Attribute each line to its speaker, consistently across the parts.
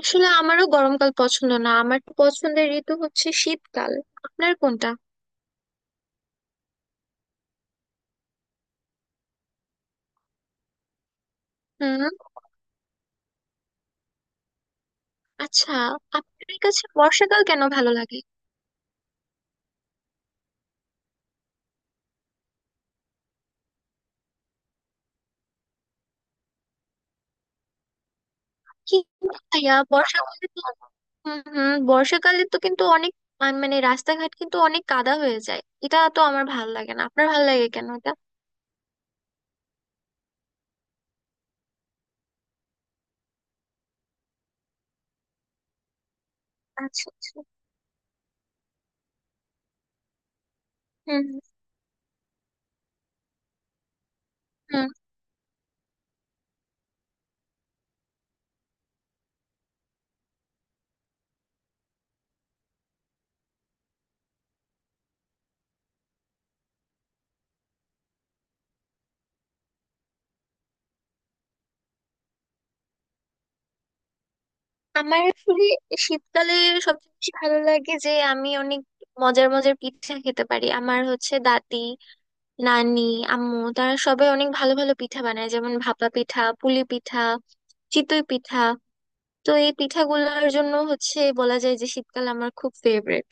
Speaker 1: আসলে আমারও গরমকাল পছন্দ না। আমার তো পছন্দের ঋতু হচ্ছে শীতকাল। আপনার কোনটা? হুম। আচ্ছা, আপনার কাছে বর্ষাকাল কেন ভালো লাগে? কি ভাইয়া, বর্ষাকালে তো হুম হুম বর্ষাকালে তো কিন্তু অনেক মানে রাস্তাঘাট কিন্তু অনেক কাদা হয়ে যায়। এটা তো আমার ভালো লাগে না, আপনার ভালো লাগে কেন এটা? আচ্ছা আচ্ছা হুম হুম আমার আসলে শীতকালে সবচেয়ে বেশি ভালো লাগে যে আমি অনেক মজার মজার পিঠা খেতে পারি। আমার হচ্ছে দাদি, নানি, আম্মু, তারা সবাই অনেক ভালো ভালো পিঠা বানায়, যেমন ভাপা পিঠা, পুলি পিঠা, চিতই পিঠা। তো এই পিঠাগুলোর জন্য হচ্ছে বলা যায় যে শীতকাল আমার খুব ফেভারেট।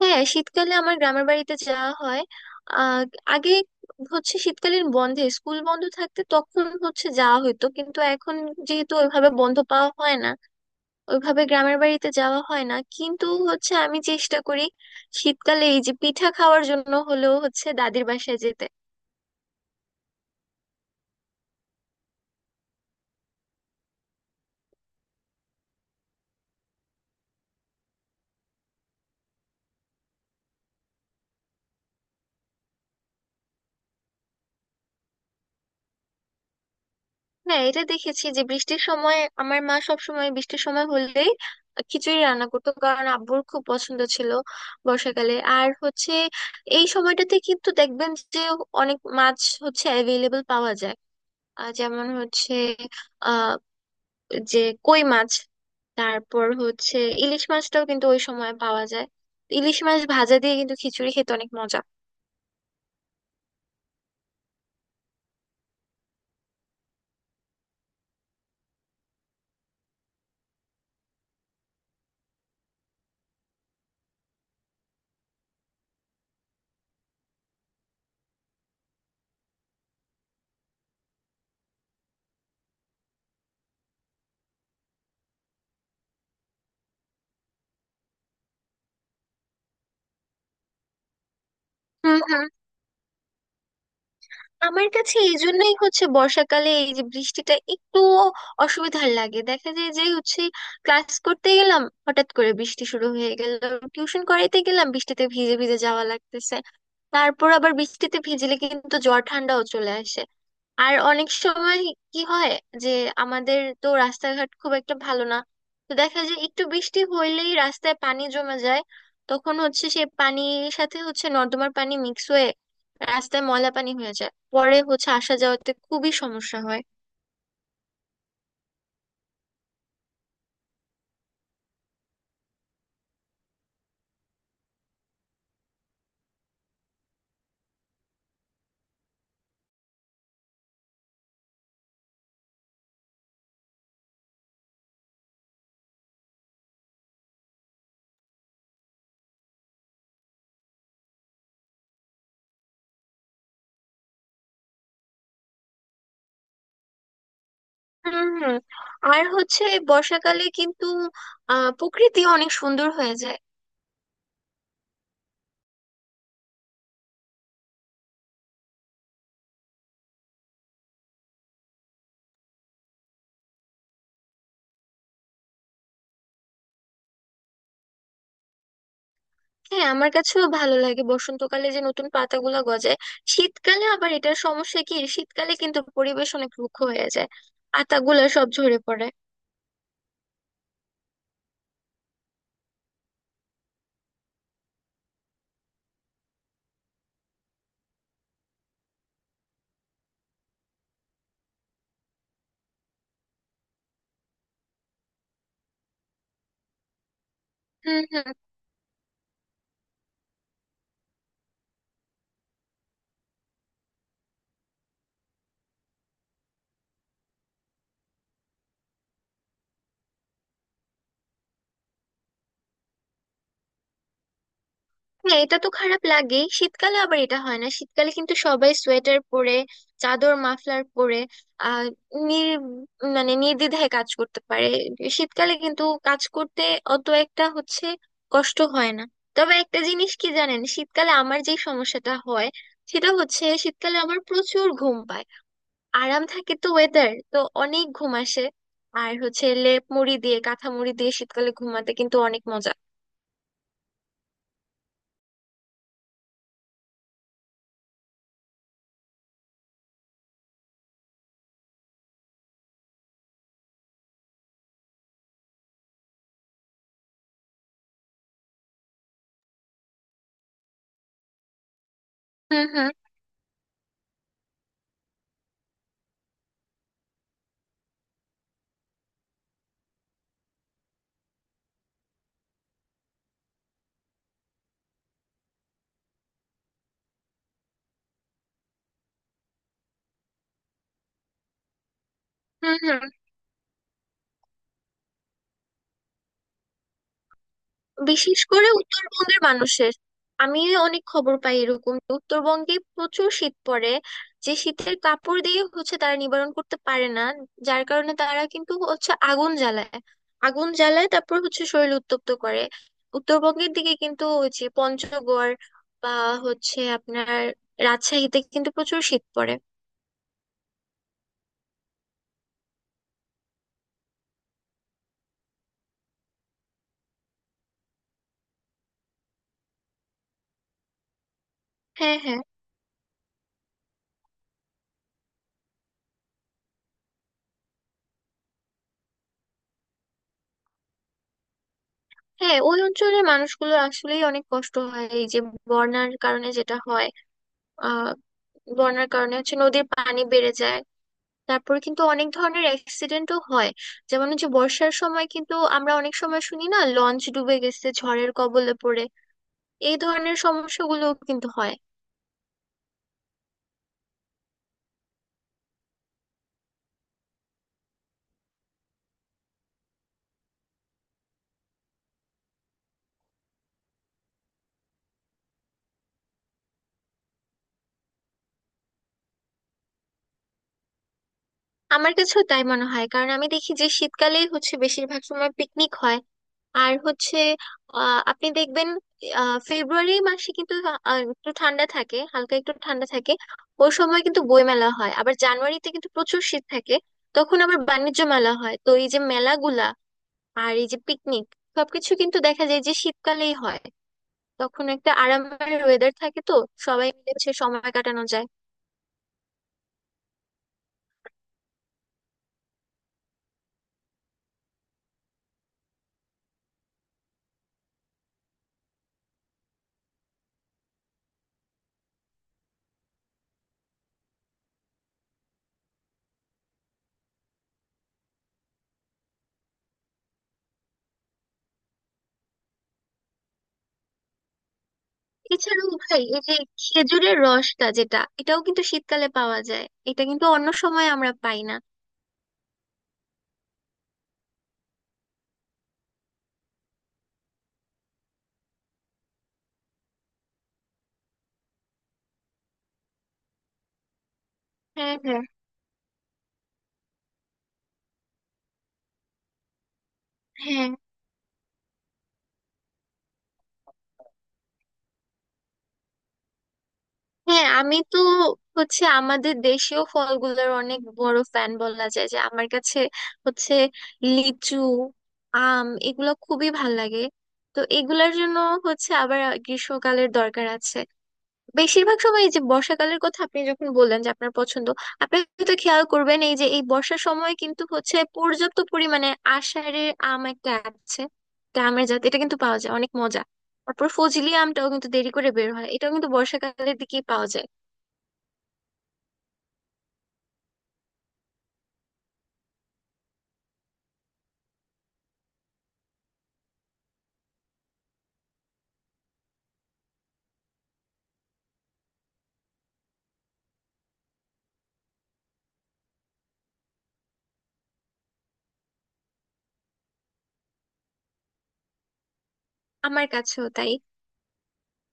Speaker 1: হ্যাঁ, শীতকালে আমার গ্রামের বাড়িতে যাওয়া হয়। আহ আগে হচ্ছে শীতকালীন বন্ধে স্কুল বন্ধ থাকতে তখন হচ্ছে যাওয়া হতো, কিন্তু এখন যেহেতু ওইভাবে বন্ধ পাওয়া হয় না, ওইভাবে গ্রামের বাড়িতে যাওয়া হয় না, কিন্তু হচ্ছে আমি চেষ্টা করি শীতকালে এই যে পিঠা খাওয়ার জন্য হলেও হচ্ছে দাদির বাসায় যেতে। হ্যাঁ, এটা দেখেছি যে বৃষ্টির সময় আমার মা সব সময় বৃষ্টির সময় হলেই খিচুড়ি রান্না করতো, কারণ আব্বুর খুব পছন্দ ছিল। বর্ষাকালে আর হচ্ছে এই সময়টাতে কিন্তু দেখবেন যে অনেক মাছ হচ্ছে অ্যাভেলেবল পাওয়া যায়। যেমন হচ্ছে আহ যে কই মাছ, তারপর হচ্ছে ইলিশ মাছটাও কিন্তু ওই সময় পাওয়া যায়। ইলিশ মাছ ভাজা দিয়ে কিন্তু খিচুড়ি খেতে অনেক মজা। আমার কাছে এই জন্যই হচ্ছে বর্ষাকালে এই যে বৃষ্টিটা একটু অসুবিধার লাগে। দেখা যায় যে হচ্ছে ক্লাস করতে গেলাম, হঠাৎ করে বৃষ্টি শুরু হয়ে গেল। টিউশন করাইতে গেলাম, বৃষ্টিতে ভিজে ভিজে যাওয়া লাগতেছে। তারপর আবার বৃষ্টিতে ভিজলে কিন্তু জ্বর ঠান্ডাও চলে আসে। আর অনেক সময় কি হয় যে আমাদের তো রাস্তাঘাট খুব একটা ভালো না, তো দেখা যায় একটু বৃষ্টি হইলেই রাস্তায় পানি জমে যায়। তখন হচ্ছে সেই পানির সাথে হচ্ছে নর্দমার পানি মিক্স হয়ে রাস্তায় ময়লা পানি হয়ে যায়, পরে হচ্ছে আসা যাওয়াতে খুবই সমস্যা হয়। হুম হুম আর হচ্ছে বর্ষাকালে কিন্তু প্রকৃতি অনেক সুন্দর হয়ে যায়। হ্যাঁ, আমার কাছেও ভালো লাগে বসন্তকালে যে নতুন পাতাগুলো গজায়। শীতকালে আবার এটার সমস্যা কি, শীতকালে কিন্তু পরিবেশ অনেক রুক্ষ হয়ে যায়, পাতাগুলো সব ঝরে পড়ে। হুম হুম হ্যাঁ, এটা তো খারাপ লাগে। শীতকালে আবার এটা হয় না, শীতকালে কিন্তু সবাই সোয়েটার পরে, চাদর মাফলার পরে। আহ নির মানে নির্দ্বিধায় কাজ করতে পারে। শীতকালে কিন্তু কাজ করতে অত একটা হচ্ছে কষ্ট হয় না। তবে একটা জিনিস কি জানেন, শীতকালে আমার যে সমস্যাটা হয় সেটা হচ্ছে শীতকালে আমার প্রচুর ঘুম পায়। আরাম থাকে তো ওয়েদার, তো অনেক ঘুম আসে। আর হচ্ছে লেপ মুড়ি দিয়ে কাঁথা মুড়ি দিয়ে শীতকালে ঘুমাতে কিন্তু অনেক মজা। হুম হুম হুম হুম বিশেষ করে উত্তরবঙ্গের মানুষের আমি অনেক খবর পাই এরকম যে উত্তরবঙ্গে প্রচুর শীত পড়ে, যে শীতের কাপড় দিয়ে হচ্ছে তারা নিবারণ করতে পারে না, যার কারণে তারা কিন্তু হচ্ছে আগুন জ্বালায়। আগুন জ্বালায়, তারপর হচ্ছে শরীর উত্তপ্ত করে। উত্তরবঙ্গের দিকে কিন্তু ওই যে পঞ্চগড় বা হচ্ছে আপনার রাজশাহীতে কিন্তু প্রচুর শীত পড়ে। হ্যাঁ হ্যাঁ হ্যাঁ, ওই অঞ্চলের মানুষগুলো আসলেই অনেক কষ্ট হয় এই যে বন্যার কারণে। যেটা হয় বন্যার কারণে হচ্ছে নদীর পানি বেড়ে যায়, তারপর কিন্তু অনেক ধরনের অ্যাক্সিডেন্টও হয়। যেমন হচ্ছে বর্ষার সময় কিন্তু আমরা অনেক সময় শুনি না, লঞ্চ ডুবে গেছে ঝড়ের কবলে পড়ে। এই ধরনের সমস্যাগুলো কিন্তু হয়। আমার কাছেও তাই মনে হয়, কারণ আমি দেখি যে শীতকালেই হচ্ছে বেশিরভাগ সময় পিকনিক হয়। আর হচ্ছে আপনি দেখবেন ফেব্রুয়ারি মাসে কিন্তু একটু ঠান্ডা থাকে, হালকা একটু ঠান্ডা থাকে। ওই সময় কিন্তু বই মেলা হয়। আবার জানুয়ারিতে কিন্তু প্রচুর শীত থাকে, তখন আবার বাণিজ্য মেলা হয়। তো এই যে মেলাগুলা আর এই যে পিকনিক, সবকিছু কিন্তু দেখা যায় যে শীতকালেই হয়। তখন একটা আরামের ওয়েদার থাকে তো, সবাই মিলে হচ্ছে সময় কাটানো যায়। এছাড়াও ভাই এই যে খেজুরের রসটা, যেটা এটাও কিন্তু শীতকালে পাওয়া যায়। এটা কিন্তু অন্য সময় আমরা পাই না। হ্যাঁ হ্যাঁ হ্যাঁ। হ্যাঁ, আমি তো হচ্ছে আমাদের দেশীয় ফলগুলোর অনেক বড় ফ্যান বলা যায় যে। আমার কাছে হচ্ছে লিচু, আম, এগুলো খুবই ভাল লাগে। তো এগুলোর জন্য হচ্ছে আবার গ্রীষ্মকালের দরকার আছে। বেশিরভাগ সময় এই যে বর্ষাকালের কথা আপনি যখন বললেন যে আপনার পছন্দ, আপনি তো খেয়াল করবেন এই যে এই বর্ষার সময় কিন্তু হচ্ছে পর্যাপ্ত পরিমাণে আষাঢ়ের আম একটা আছে, একটা আমের জাত, এটা কিন্তু পাওয়া যায়, অনেক মজা। তারপর ফজলি আমটাও কিন্তু দেরি করে বের হয়, এটাও কিন্তু বর্ষাকালের দিকেই পাওয়া যায়। আমার কাছেও তাই।